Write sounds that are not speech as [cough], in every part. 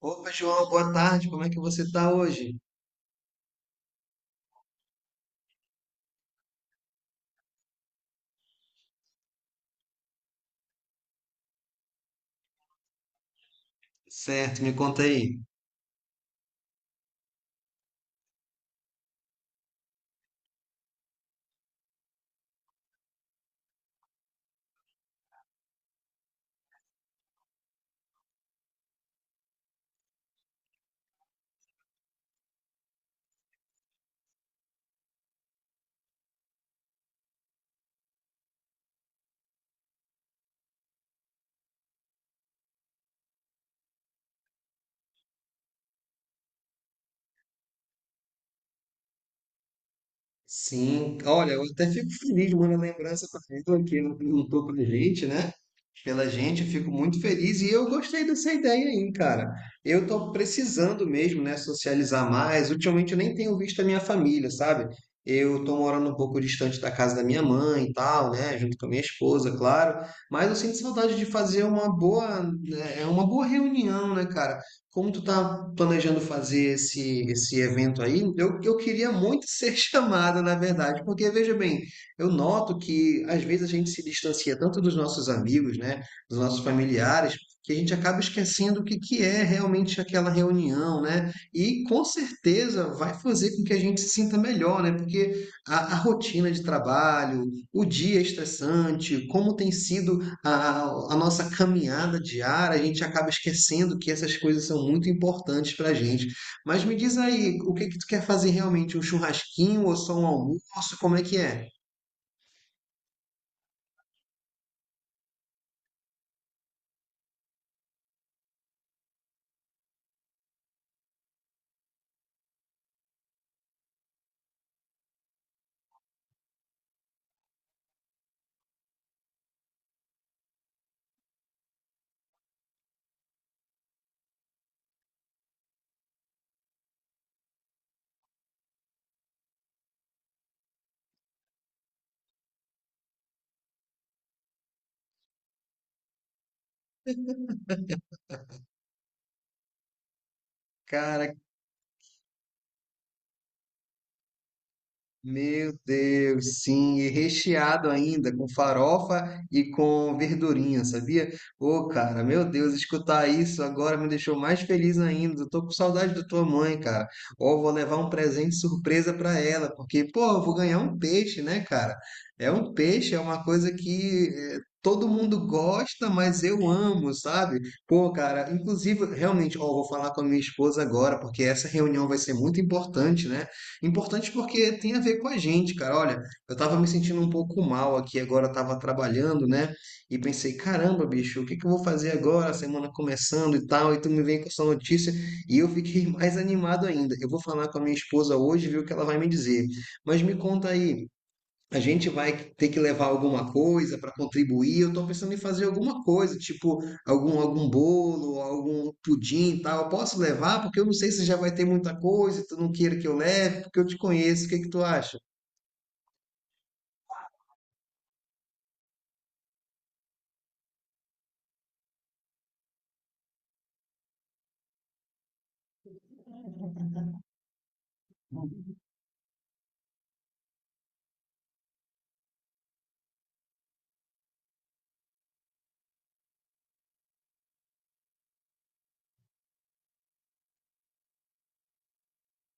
Opa, João, boa tarde. Como é que você tá hoje? Certo, me conta aí. Sim, olha, eu até fico feliz, mano, a lembrança pra mim do que não perguntou pra gente, né? Pela gente, eu fico muito feliz e eu gostei dessa ideia aí, cara. Eu tô precisando mesmo, né, socializar mais. Ultimamente eu nem tenho visto a minha família, sabe? Eu tô morando um pouco distante da casa da minha mãe e tal, né, junto com a minha esposa, claro, mas eu sinto saudade de fazer uma boa, né, é uma boa reunião, né, cara? Como tu tá planejando fazer esse evento aí, eu queria muito ser [laughs] chamado, na verdade, porque veja bem, eu noto que às vezes a gente se distancia tanto dos nossos amigos, né, dos nossos familiares, que a gente acaba esquecendo o que, que é realmente aquela reunião, né? E com certeza vai fazer com que a gente se sinta melhor, né? Porque a rotina de trabalho, o dia estressante, como tem sido a nossa caminhada diária, a gente acaba esquecendo que essas coisas são muito importantes para a gente. Mas me diz aí, o que que tu quer fazer realmente? Um churrasquinho ou só um almoço? Como é que é? Cara, meu Deus, sim, e recheado ainda com farofa e com verdurinha, sabia? Ô, cara, meu Deus, escutar isso agora me deixou mais feliz ainda. Eu tô com saudade da tua mãe, cara. Ó, vou levar um presente surpresa pra ela, porque, pô, eu vou ganhar um peixe, né, cara? É um peixe, é uma coisa que todo mundo gosta, mas eu amo, sabe? Pô, cara, inclusive, realmente, ó, vou falar com a minha esposa agora, porque essa reunião vai ser muito importante, né? Importante porque tem a ver com a gente, cara. Olha, eu tava me sentindo um pouco mal aqui agora, eu tava trabalhando, né? E pensei, caramba, bicho, o que que eu vou fazer agora? A semana começando e tal, e tu me vem com essa notícia. E eu fiquei [laughs] mais animado ainda. Eu vou falar com a minha esposa hoje, ver o que ela vai me dizer. Mas me conta aí, a gente vai ter que levar alguma coisa para contribuir. Eu estou pensando em fazer alguma coisa, tipo algum bolo, algum pudim e tal. Eu posso levar? Porque eu não sei se já vai ter muita coisa, tu não queira que eu leve, porque eu te conheço. O que que tu acha?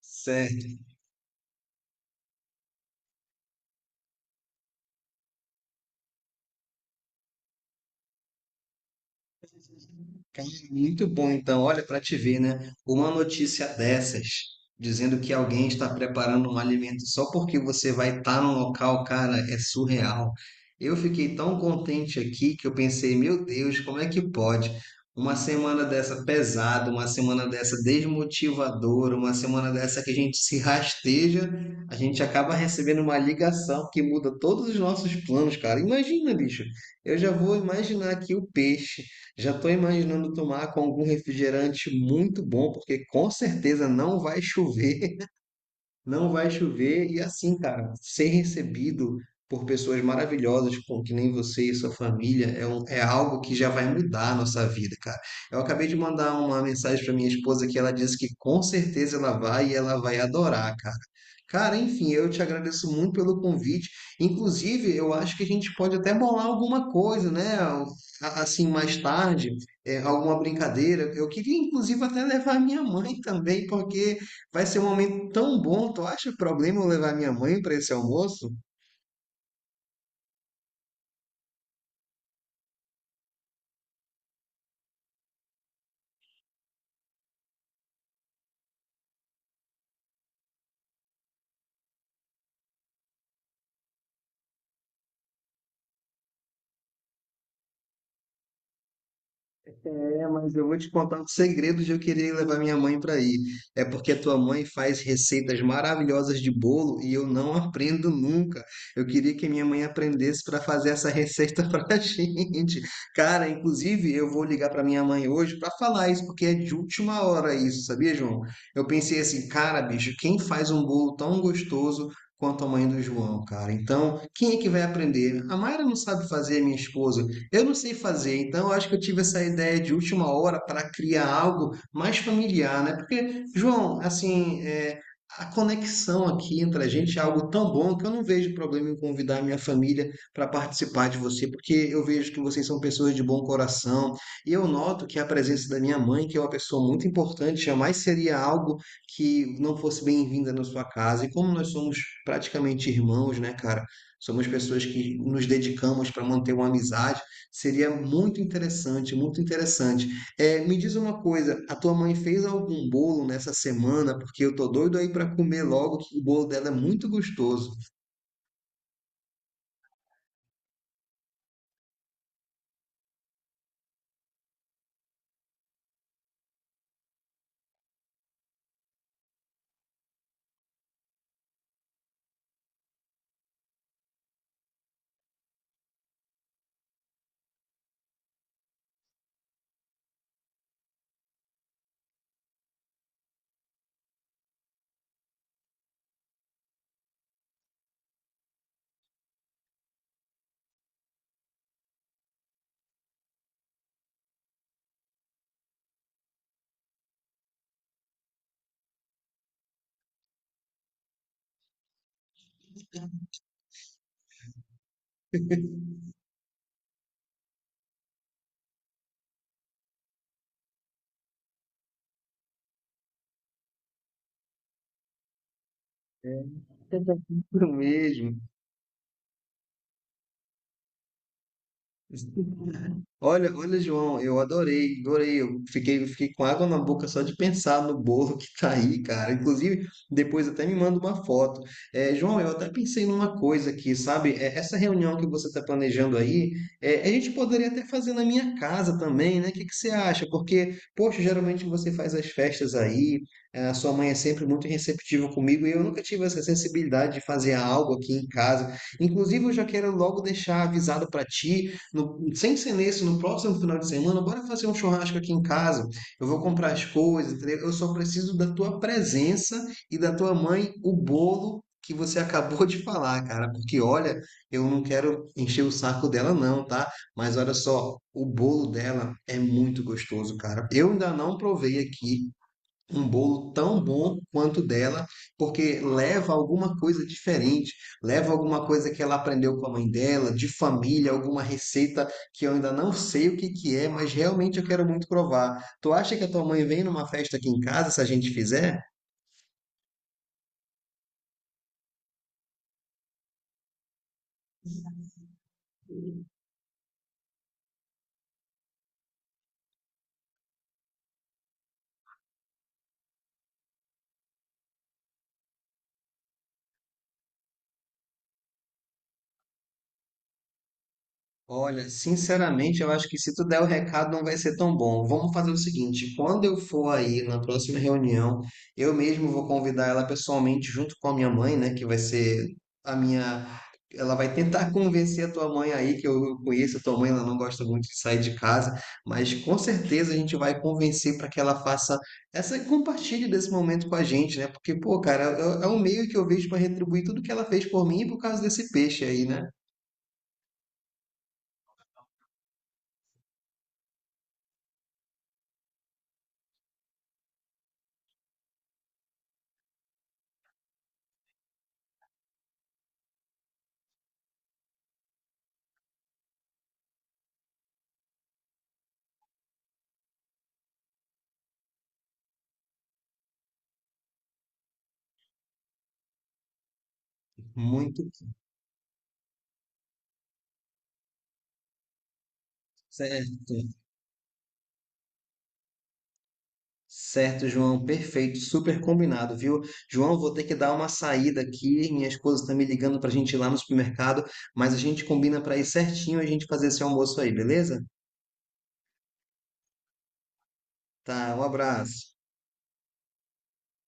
Certo. Cara, muito bom, então. Olha, para te ver, né? Uma notícia dessas, dizendo que alguém está preparando um alimento só porque você vai estar num local, cara, é surreal. Eu fiquei tão contente aqui que eu pensei, meu Deus, como é que pode? Uma semana dessa pesada, uma semana dessa desmotivadora, uma semana dessa que a gente se rasteja, a gente acaba recebendo uma ligação que muda todos os nossos planos, cara. Imagina, bicho. Eu já vou imaginar aqui o peixe, já estou imaginando tomar com algum refrigerante muito bom, porque com certeza não vai chover, não vai chover. E assim, cara, ser recebido por pessoas maravilhosas, com que nem você e sua família, é, é algo que já vai mudar a nossa vida, cara. Eu acabei de mandar uma mensagem para minha esposa que ela disse que com certeza ela vai e ela vai adorar, cara. Cara, enfim, eu te agradeço muito pelo convite. Inclusive, eu acho que a gente pode até bolar alguma coisa, né? Assim, mais tarde, é, alguma brincadeira. Eu queria, inclusive, até levar a minha mãe também, porque vai ser um momento tão bom. Tu acha problema eu levar minha mãe para esse almoço? É, mas eu vou te contar o segredo de eu querer levar minha mãe para ir. É porque a tua mãe faz receitas maravilhosas de bolo e eu não aprendo nunca. Eu queria que minha mãe aprendesse para fazer essa receita [laughs] para a gente. Cara, inclusive eu vou ligar para minha mãe hoje para falar isso, porque é de última hora isso, sabia, João? Eu pensei assim, cara, bicho, quem faz um bolo tão gostoso quanto a mãe do João, cara? Então, quem é que vai aprender? A Mayra não sabe fazer, minha esposa. Eu não sei fazer, então eu acho que eu tive essa ideia de última hora para criar algo mais familiar, né? Porque, João, assim, é, a conexão aqui entre a gente é algo tão bom que eu não vejo problema em convidar a minha família para participar de você, porque eu vejo que vocês são pessoas de bom coração, e eu noto que a presença da minha mãe, que é uma pessoa muito importante, jamais seria algo que não fosse bem-vinda na sua casa. E como nós somos praticamente irmãos, né, cara? Somos pessoas que nos dedicamos para manter uma amizade. Seria muito interessante, muito interessante. Me diz uma coisa, a tua mãe fez algum bolo nessa semana? Porque eu tô doido aí para comer logo, que o bolo dela é muito gostoso. [laughs] Mesmo. Olha, olha, João, eu adorei, adorei. Eu fiquei com água na boca só de pensar no bolo que tá aí, cara. Inclusive, depois até me manda uma foto. É, João, eu até pensei numa coisa aqui, sabe? É, essa reunião que você está planejando aí, é, a gente poderia até fazer na minha casa também, né? O que que você acha? Porque, poxa, geralmente você faz as festas aí, é, a sua mãe é sempre muito receptiva comigo e eu nunca tive essa sensibilidade de fazer algo aqui em casa. Inclusive, eu já quero logo deixar avisado para ti, sem ser nesse, no próximo final de semana, bora fazer um churrasco aqui em casa. Eu vou comprar as coisas, entendeu? Eu só preciso da tua presença e da tua mãe o bolo que você [laughs] acabou de falar, cara. Porque olha, eu não quero encher o saco dela, não, tá? Mas olha só, o bolo dela é muito gostoso, cara. Eu ainda não provei aqui, um bolo tão bom quanto o dela, porque leva alguma coisa diferente, leva alguma coisa que ela aprendeu com a mãe dela, de família, alguma receita que eu ainda não sei o que que é, mas realmente eu quero muito provar. Tu acha que a tua mãe vem numa festa aqui em casa se a gente fizer? Olha, sinceramente, eu acho que se tu der o recado não vai ser tão bom. Vamos fazer o seguinte, quando eu for aí na próxima reunião, eu mesmo vou convidar ela pessoalmente junto com a minha mãe, né, que vai ser a minha, ela vai tentar [laughs] convencer a tua mãe aí, que eu conheço a tua mãe, ela não gosta muito de sair de casa, mas com certeza a gente vai convencer para que ela faça essa compartilhe desse momento com a gente, né? Porque, pô, cara, é um meio que eu vejo para retribuir tudo que ela fez por mim por causa desse peixe aí, né? Muito certo. Certo, João, perfeito, super combinado, viu? João, vou ter que dar uma saída aqui, minha esposa está me ligando para a gente ir lá no supermercado, mas a gente combina para ir certinho e a gente fazer esse almoço aí, beleza? Tá, um abraço.